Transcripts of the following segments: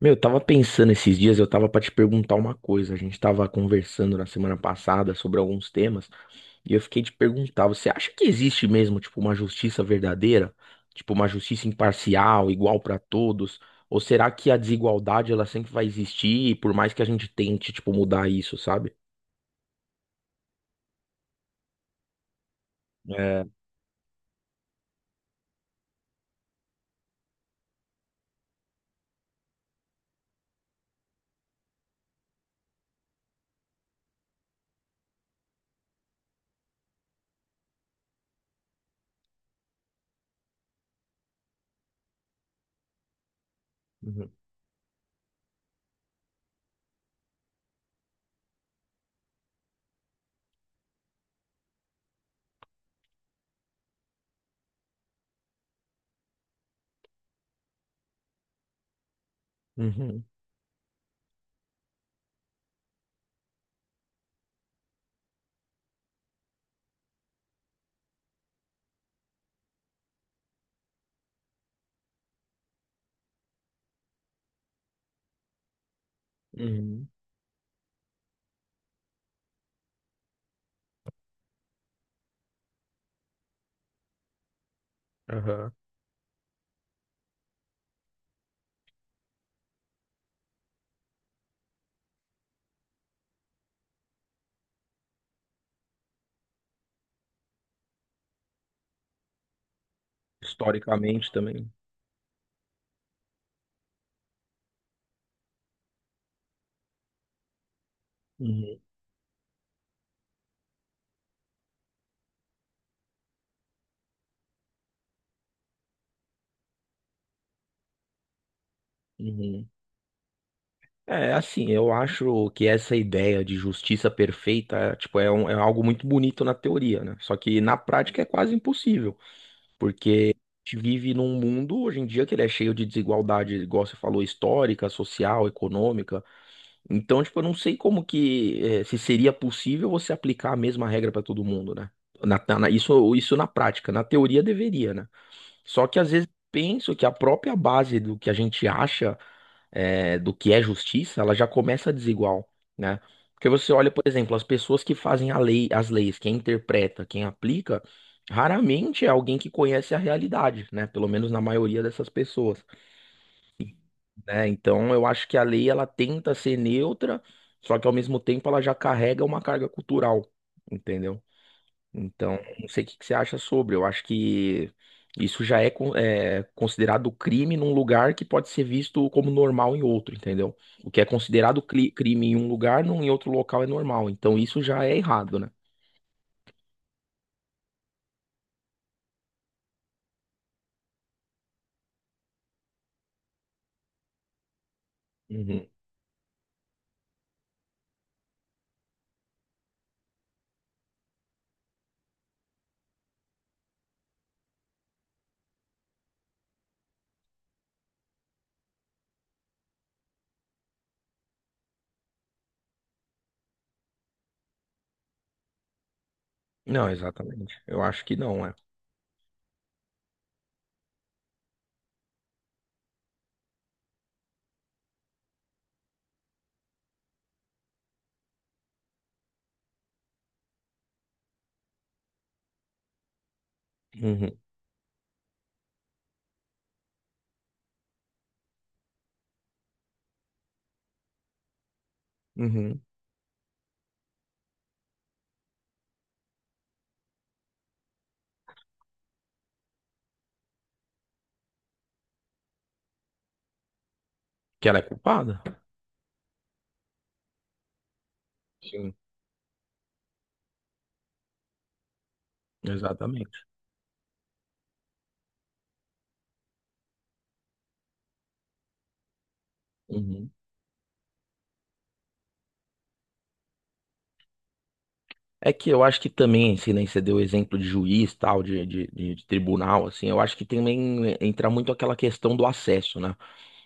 Meu, eu tava pensando esses dias, eu tava pra te perguntar uma coisa. A gente tava conversando na semana passada sobre alguns temas e eu fiquei te perguntar, você acha que existe mesmo, tipo, uma justiça verdadeira? Tipo, uma justiça imparcial, igual pra todos? Ou será que a desigualdade ela sempre vai existir, por mais que a gente tente, tipo, mudar isso, sabe? É. Uhum. Uhum, uhum, aham. Historicamente também. Uhum, uhum. É, assim, eu acho que essa ideia de justiça perfeita, tipo, é algo muito bonito na teoria, né? Só que na prática é quase impossível, porque a gente vive num mundo hoje em dia que ele é cheio de desigualdade, igual você falou, histórica, social, econômica. Então, tipo, eu não sei como que, se seria possível você aplicar a mesma regra para todo mundo, né? Isso na prática, na teoria deveria, né? Só que às vezes penso que a própria base do que a gente acha do que é justiça, ela já começa desigual, né? Porque você olha, por exemplo, as pessoas que fazem a lei, as leis, quem interpreta, quem aplica, raramente é alguém que conhece a realidade, né? Pelo menos na maioria dessas pessoas, né? Então, eu acho que a lei ela tenta ser neutra, só que ao mesmo tempo ela já carrega uma carga cultural, entendeu? Então, não sei o que que você acha sobre. Eu acho que isso já é, é considerado crime num lugar que pode ser visto como normal em outro, entendeu? O que é considerado crime em um lugar, não em outro local é normal. Então, isso já é errado, né? Uhum. Não, exatamente. Eu acho que não, é. Uhum. Uhum. Que ela é culpada? Sim, exatamente. Uhum. É que eu acho que também, se nem você deu o exemplo de juiz, tal, de tribunal, assim, eu acho que também entra muito aquela questão do acesso, né?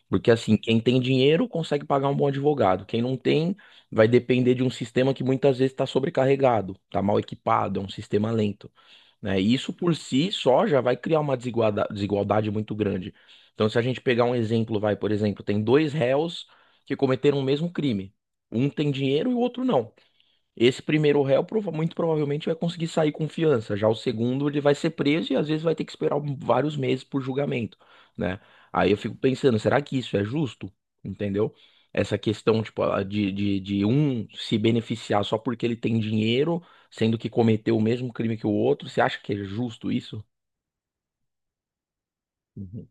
Porque assim, quem tem dinheiro consegue pagar um bom advogado. Quem não tem, vai depender de um sistema que muitas vezes está sobrecarregado, está mal equipado, é um sistema lento, né? E isso por si só já vai criar uma desigualdade muito grande. Então, se a gente pegar um exemplo, vai, por exemplo, tem dois réus que cometeram o mesmo crime. Um tem dinheiro e o outro não. Esse primeiro réu muito provavelmente vai conseguir sair com fiança. Já o segundo, ele vai ser preso e às vezes vai ter que esperar vários meses por julgamento, né? Aí eu fico pensando, será que isso é justo? Entendeu? Essa questão, tipo, de um se beneficiar só porque ele tem dinheiro, sendo que cometeu o mesmo crime que o outro, você acha que é justo isso? Uhum.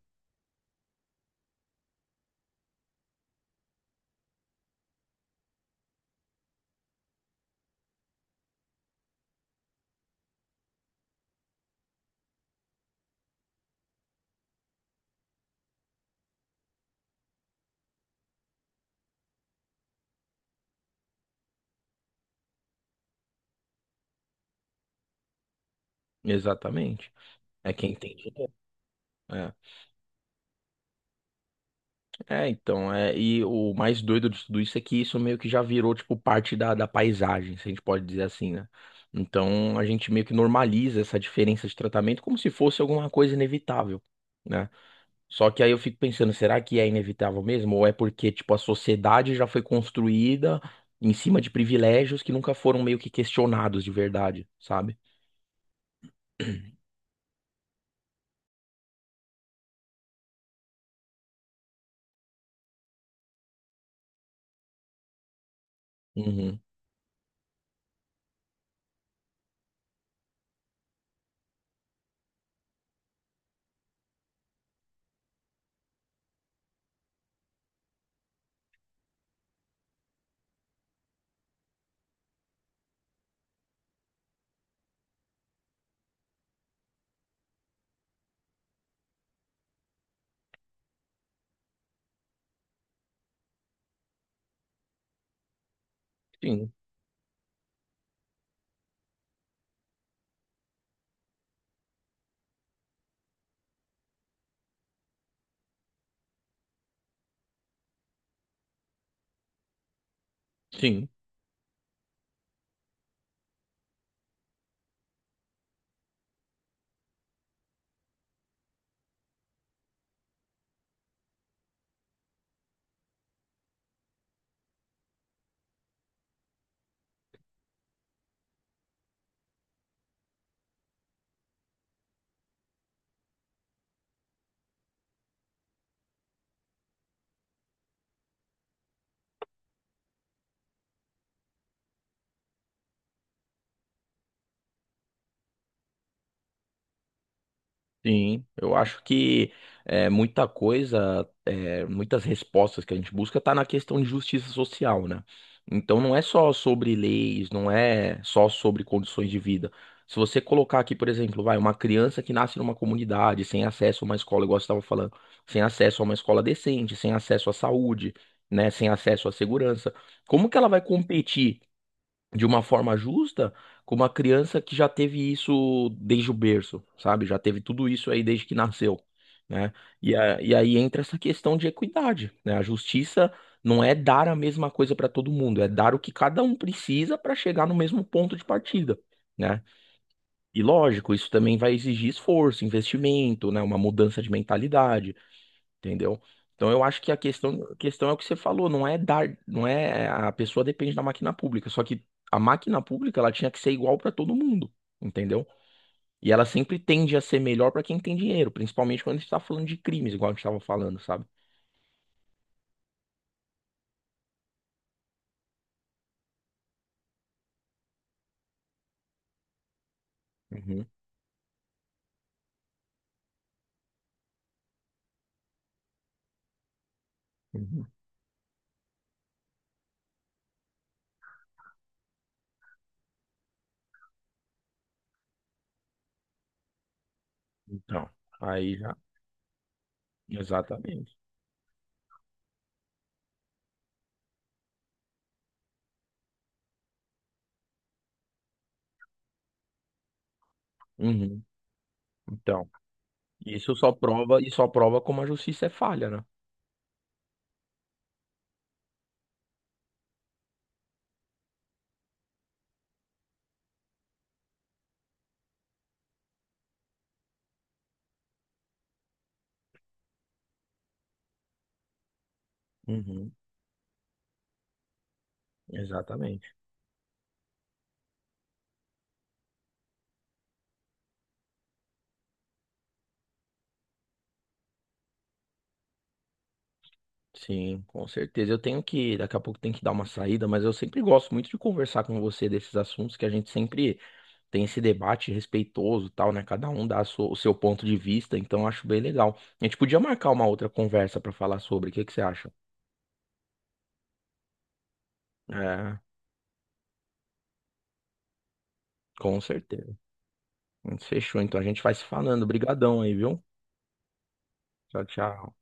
Exatamente. É quem tem dinheiro. É. É, então, é, e o mais doido de tudo isso é que isso meio que já virou, tipo, parte da, da paisagem, se a gente pode dizer assim, né? Então, a gente meio que normaliza essa diferença de tratamento como se fosse alguma coisa inevitável, né? Só que aí eu fico pensando, será que é inevitável mesmo? Ou é porque, tipo, a sociedade já foi construída em cima de privilégios que nunca foram meio que questionados de verdade, sabe? Uhum. Sim, sim. Sim, eu acho que é, muita coisa, é, muitas respostas que a gente busca tá na questão de justiça social, né? Então não é só sobre leis, não é só sobre condições de vida. Se você colocar aqui, por exemplo, vai, uma criança que nasce numa comunidade, sem acesso a uma escola, igual você estava falando, sem acesso a uma escola decente, sem acesso à saúde, né, sem acesso à segurança, como que ela vai competir? De uma forma justa com uma criança que já teve isso desde o berço, sabe? Já teve tudo isso aí desde que nasceu, né? E, e aí entra essa questão de equidade, né? A justiça não é dar a mesma coisa para todo mundo, é dar o que cada um precisa para chegar no mesmo ponto de partida. Né? E lógico, isso também vai exigir esforço, investimento, né? Uma mudança de mentalidade. Entendeu? Então eu acho que a questão é o que você falou, não é dar, não é a pessoa depende da máquina pública, só que a máquina pública ela tinha que ser igual para todo mundo, entendeu? E ela sempre tende a ser melhor para quem tem dinheiro, principalmente quando a gente está falando de crimes, igual a gente estava falando, sabe? Uhum, uhum. Então, aí já, exatamente. Uhum. Então, isso só prova, e só prova como a justiça é falha, né? Uhum, exatamente. Sim, com certeza. Eu tenho que, daqui a pouco tem que dar uma saída, mas eu sempre gosto muito de conversar com você desses assuntos que a gente sempre tem esse debate respeitoso, e tal, né? Cada um dá o seu ponto de vista, então eu acho bem legal. A gente podia marcar uma outra conversa para falar sobre, o que que você acha? É, com certeza. A gente fechou, então a gente vai se falando. Obrigadão aí, viu? Tchau, tchau.